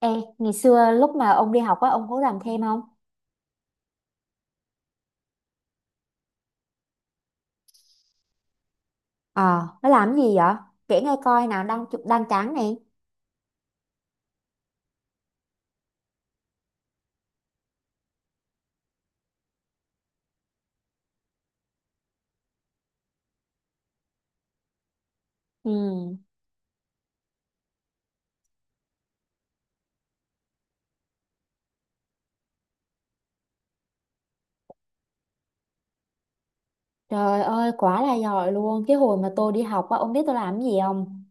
Ê, ngày xưa lúc mà ông đi học á, ông có làm thêm không? Ờ, nó làm gì vậy? Kể nghe coi nào, đang chụp đang tráng nè. Ừ, trời ơi, quá là giỏi luôn. Cái hồi mà tôi đi học á, ông biết tôi làm cái gì không?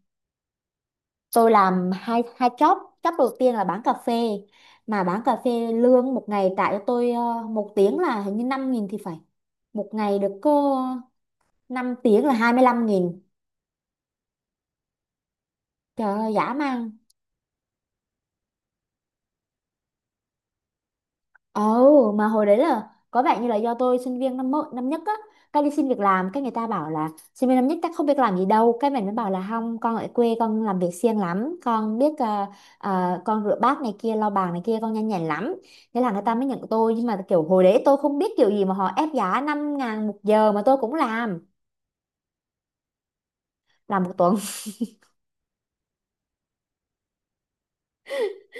Tôi làm hai hai job. Job đầu tiên là bán cà phê. Mà bán cà phê lương một ngày trả cho tôi một tiếng là hình như 5.000 thì phải. Một ngày được có 5 tiếng là 25.000. Trời ơi, dã man. Ồ, mà hồi đấy là có vẻ như là do tôi sinh viên năm nhất á, cái đi xin việc làm, cái người ta bảo là sinh viên năm nhất chắc không biết làm gì đâu, cái mình mới bảo là không, con ở quê con làm việc siêng lắm, con biết à, con rửa bát này kia, lau bàn này kia, con nhanh nhẹn lắm. Thế là người ta mới nhận tôi, nhưng mà kiểu hồi đấy tôi không biết kiểu gì mà họ ép giá 5.000 một giờ mà tôi cũng làm một tuần.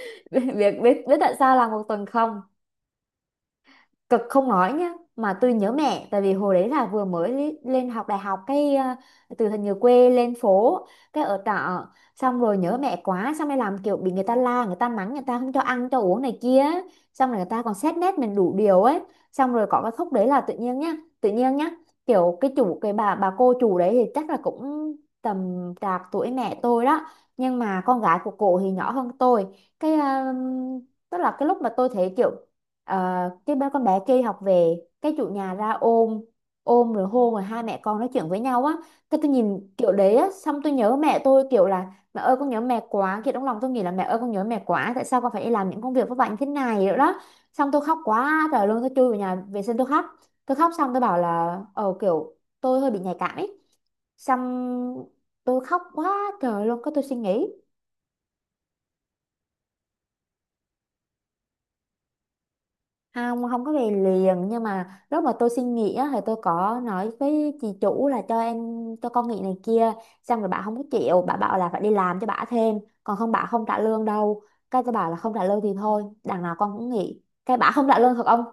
Biết biết biết tại sao làm một tuần không? Cực không nói nhá mà tôi nhớ mẹ, tại vì hồi đấy là vừa mới lên học đại học, từ thành người quê lên phố, cái ở trọ, xong rồi nhớ mẹ quá, xong rồi làm kiểu bị người ta la, người ta mắng, người ta không cho ăn cho uống này kia, xong rồi người ta còn xét nét mình đủ điều ấy. Xong rồi có cái khúc đấy là tự nhiên nhá, tự nhiên nhá, kiểu cái chủ, cái bà cô chủ đấy thì chắc là cũng tầm trạc tuổi mẹ tôi đó, nhưng mà con gái của cổ thì nhỏ hơn tôi. cái à, tức là cái lúc mà tôi thấy kiểu Ờ, cái ba con bé kia học về, cái chủ nhà ra ôm, rồi hôn, rồi hai mẹ con nói chuyện với nhau á, cái tôi nhìn kiểu đấy á, xong tôi nhớ mẹ tôi, kiểu là mẹ ơi con nhớ mẹ quá, kiểu trong lòng tôi nghĩ là mẹ ơi con nhớ mẹ quá, tại sao con phải đi làm những công việc vất vả như thế này nữa đó. Xong tôi khóc quá trời luôn, tôi chui vào nhà vệ sinh tôi khóc. Tôi khóc xong tôi bảo là ờ kiểu tôi hơi bị nhạy cảm ấy. Xong tôi khóc quá trời luôn, cái tôi suy nghĩ. Không, không có về liền, nhưng mà lúc mà tôi xin nghỉ á, thì tôi có nói với chị chủ là cho em, cho con nghỉ này kia, xong rồi bà không có chịu, bà bảo là phải đi làm cho bà thêm, còn không bà không trả lương đâu. Cái tôi bảo là không trả lương thì thôi, đằng nào con cũng nghỉ, cái bà không trả lương thật ông.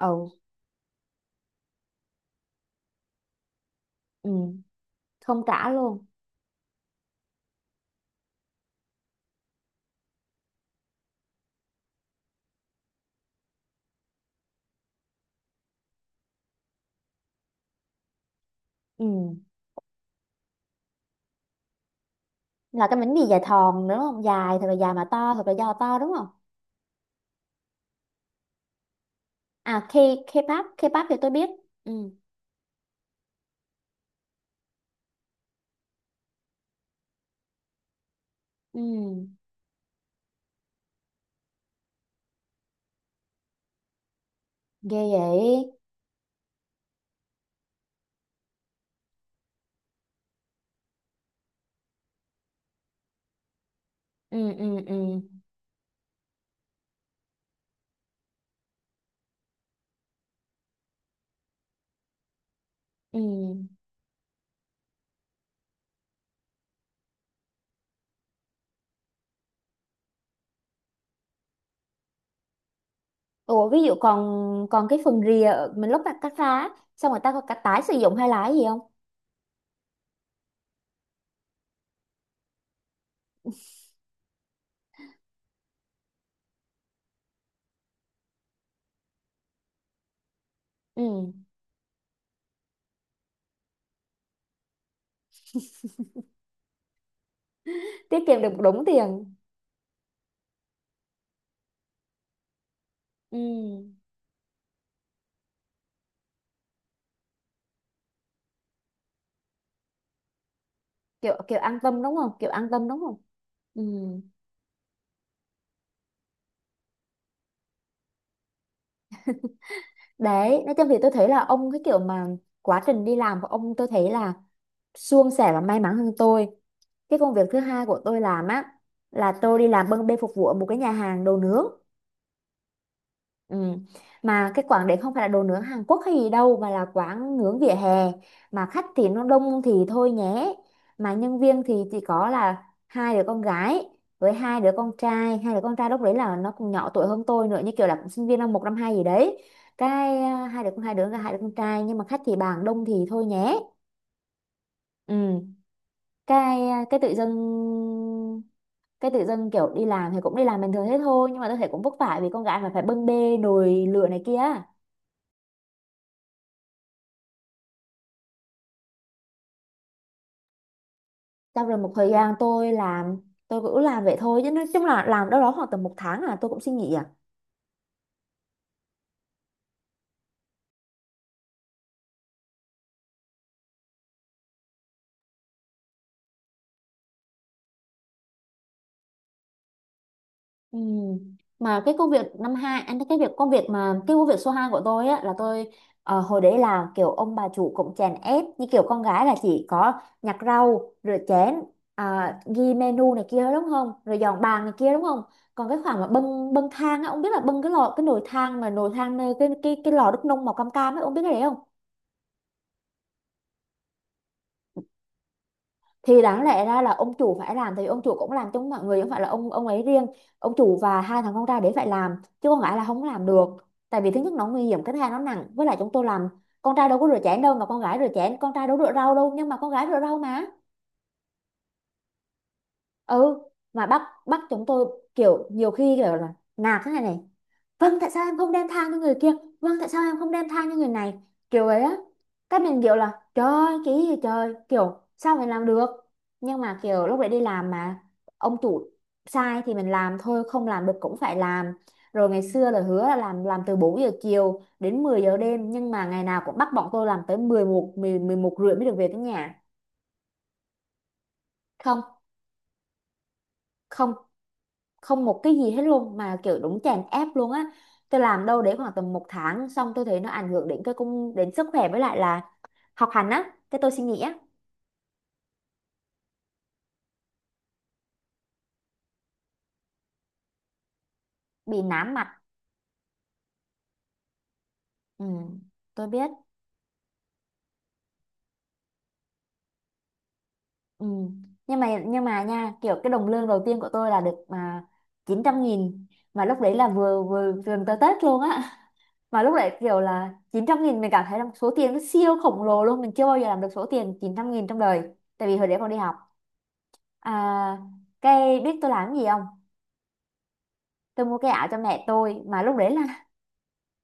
Ừ, ừ, không trả luôn. Ừ, là cái bánh mì dài thòn đúng không, dài thật là dài mà to thật là do to đúng không? À, K, K-pop, K-pop thì tôi biết. Ừ. Ừ. Ghê vậy. Ừ. Ừ. Ừ. Ừ. Ủa ví dụ còn, còn cái phần mình lúc mà cắt ra á, xong người ta có cả tái sử dụng hay là cái gì không? Ừ. Tiết kiệm được đúng tiền. Ừ. kiểu kiểu an tâm đúng không? Kiểu an tâm đúng không? Ừ. Đấy, nói chung thì tôi thấy là ông, cái kiểu mà quá trình đi làm của ông tôi thấy là suôn sẻ và may mắn hơn tôi. Cái công việc thứ hai của tôi làm á là tôi đi làm bưng bê phục vụ ở một cái nhà hàng đồ nướng. Ừ. Mà cái quán đấy không phải là đồ nướng Hàn Quốc hay gì đâu, mà là quán nướng vỉa hè, mà khách thì nó đông thì thôi nhé, mà nhân viên thì chỉ có là hai đứa con gái với hai đứa con trai. Hai đứa con trai lúc đấy là nó cũng nhỏ tuổi hơn tôi nữa, như kiểu là cũng sinh viên năm một năm hai gì đấy. Hai đứa con, hai đứa con trai, nhưng mà khách thì bàn đông thì thôi nhé. Ừ. Cái tự dưng, cái tự dưng kiểu đi làm thì cũng đi làm bình thường thế thôi, nhưng mà tôi thấy cũng vất vả vì con gái mà phải bưng bê nồi lửa này kia. Sau rồi một thời gian tôi làm, tôi cứ làm vậy thôi, chứ nói chung là làm đâu đó khoảng tầm một tháng là tôi cũng xin nghỉ à. Ừ. Mà cái công việc năm hai anh, cái việc công việc mà cái công việc số 2 của tôi á là tôi hồi đấy là kiểu ông bà chủ cũng chèn ép, như kiểu con gái là chỉ có nhặt rau, rửa chén, à, ghi menu này kia đúng không, rồi dọn bàn này kia đúng không. Còn cái khoảng mà bưng bưng thang á, ông biết là bưng cái lò, cái nồi than, mà nồi than nơi cái cái lò đúc nung màu cam cam ấy, ông biết cái đấy không? Thì đáng lẽ ra là ông chủ phải làm, thì ông chủ cũng làm chung mọi người, không phải là ông ấy riêng, ông chủ và hai thằng con trai đấy phải làm, chứ con gái là không làm được. Tại vì thứ nhất nó nguy hiểm, cái thứ hai nó nặng, với lại chúng tôi làm, con trai đâu có rửa chén đâu mà con gái rửa chén, con trai đâu rửa rau đâu nhưng mà con gái rửa rau mà. Ừ. Mà bắt bắt chúng tôi kiểu, nhiều khi kiểu là nạt thế này này, vâng tại sao em không đem thang cho người kia, vâng tại sao em không đem thang cho người này, kiểu ấy á, các mình kiểu là trời ơi, cái gì trời, kiểu sao mình làm được. Nhưng mà kiểu lúc đấy đi làm mà ông chủ sai thì mình làm thôi, không làm được cũng phải làm. Rồi ngày xưa là hứa là làm từ 4 giờ chiều đến 10 giờ đêm, nhưng mà ngày nào cũng bắt bọn tôi làm tới 11, 11 rưỡi mới được về tới nhà. Không. Không. Không một cái gì hết luôn, mà kiểu đúng chèn ép luôn á. Tôi làm đâu đấy khoảng tầm một tháng xong tôi thấy nó ảnh hưởng đến cái công đến sức khỏe, với lại là học hành á, cái tôi suy nghĩ á. Bị nám mặt. Ừ, tôi biết. Ừ. Nhưng mà, nhưng mà nha, kiểu cái đồng lương đầu tiên của tôi là được mà 900.000, mà lúc đấy là vừa vừa gần tới Tết luôn á, mà lúc đấy kiểu là 900.000 mình cảm thấy là một số tiền nó siêu khổng lồ luôn, mình chưa bao giờ làm được số tiền 900.000 trong đời. Tại vì hồi đấy còn đi học. à, cái biết tôi làm cái gì không? Tôi mua cái ảo cho mẹ tôi, mà lúc đấy là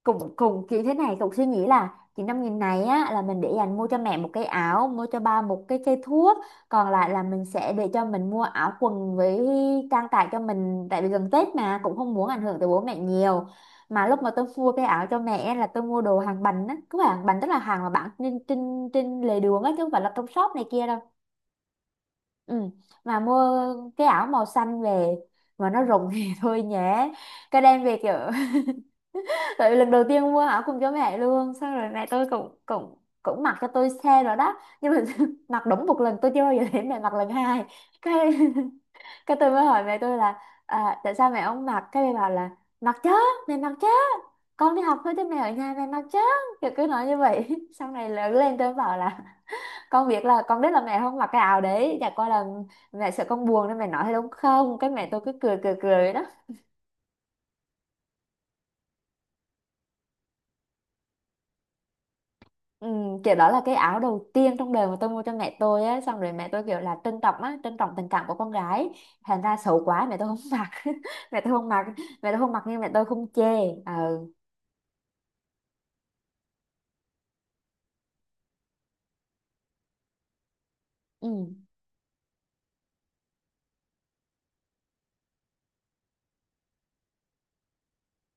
cùng cùng kiểu thế này, cùng suy nghĩ là chỉ 5.000 này á là mình để dành mua cho mẹ một cái áo, mua cho ba một cái cây thuốc, còn lại là mình sẽ để cho mình mua áo quần với trang trải cho mình, tại vì gần Tết mà cũng không muốn ảnh hưởng tới bố mẹ nhiều. Mà lúc mà tôi mua cái áo cho mẹ là tôi mua đồ hàng bánh á, cứ hàng bánh tức là hàng mà bán trên trên trên lề đường á, chứ không phải là trong shop này kia đâu. Ừ. Mà mua cái áo màu xanh về mà nó rụng thì thôi nhé, cái đem về kiểu, tại lần đầu tiên mua áo cùng cho mẹ luôn. Xong rồi mẹ tôi cũng cũng cũng mặc cho tôi xe rồi đó. Nhưng mà mặc đúng một lần, tôi chưa bao giờ thấy mẹ mặc lần hai. Cái cái tôi mới hỏi mẹ tôi là à, tại sao mẹ không mặc? Cái mẹ bảo là mặc chứ, mẹ mặc chứ, con đi học thôi chứ mẹ ở nhà mẹ mặc chứ. Kiểu cứ nói như vậy. Sau này lớn lên tôi bảo là con biết là, con biết là mẹ không mặc cái áo đấy, chả qua là mẹ sợ con buồn nên mẹ nói thế đúng không? Cái mẹ tôi cứ cười cười cười đó. Ừ, kiểu đó là cái áo đầu tiên trong đời mà tôi mua cho mẹ tôi á, xong rồi mẹ tôi kiểu là trân trọng á, trân trọng tình cảm của con gái, thành ra xấu quá mẹ tôi không mặc. Mẹ tôi không mặc, mẹ tôi không mặc, nhưng mẹ tôi không chê. Ờ. Ừ.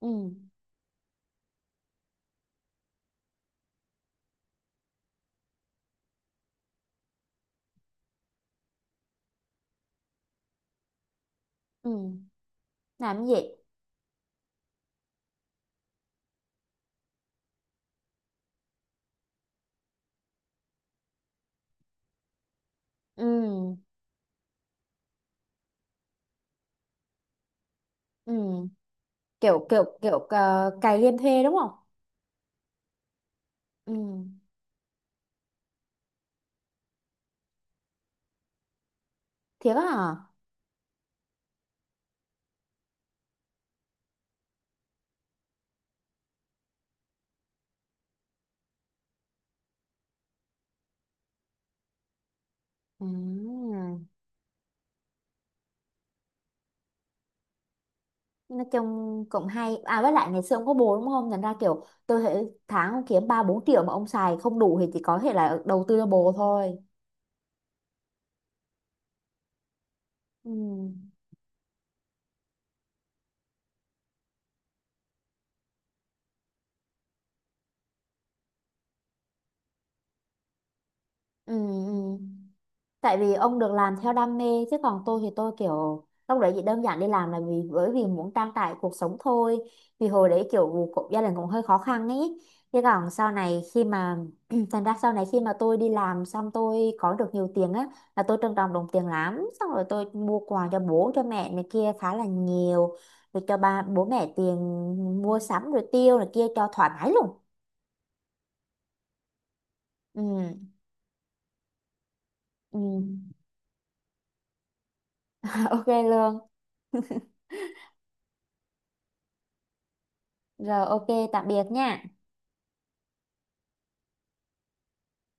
Ừ. Ừ. Làm cái gì? Ừ. Ừ. kiểu kiểu kiểu cày game thuê đúng không? Ừ. Thiệt á hả? Ừ. Nói chung cũng hay à, với lại ngày xưa ông có bồ đúng không, thành ra kiểu tôi thấy tháng ông kiếm 3 4 triệu mà ông xài không đủ thì chỉ có thể là đầu tư cho bồ thôi. Ừ. Ừ. Ừ. Tại vì ông được làm theo đam mê, chứ còn tôi thì tôi kiểu lúc đấy chỉ đơn giản đi làm là vì bởi vì muốn trang trải cuộc sống thôi, vì hồi đấy kiểu cũng, gia đình cũng hơi khó khăn ấy. Chứ còn sau này khi mà thành ra sau này khi mà tôi đi làm xong tôi có được nhiều tiền á, là tôi trân trọng đồng tiền lắm, xong rồi tôi mua quà cho bố cho mẹ này kia khá là nhiều, rồi cho bố mẹ tiền mua sắm rồi tiêu này kia cho thoải mái luôn. Ừ. Ừ. Ok luôn. Rồi ok, tạm biệt nha.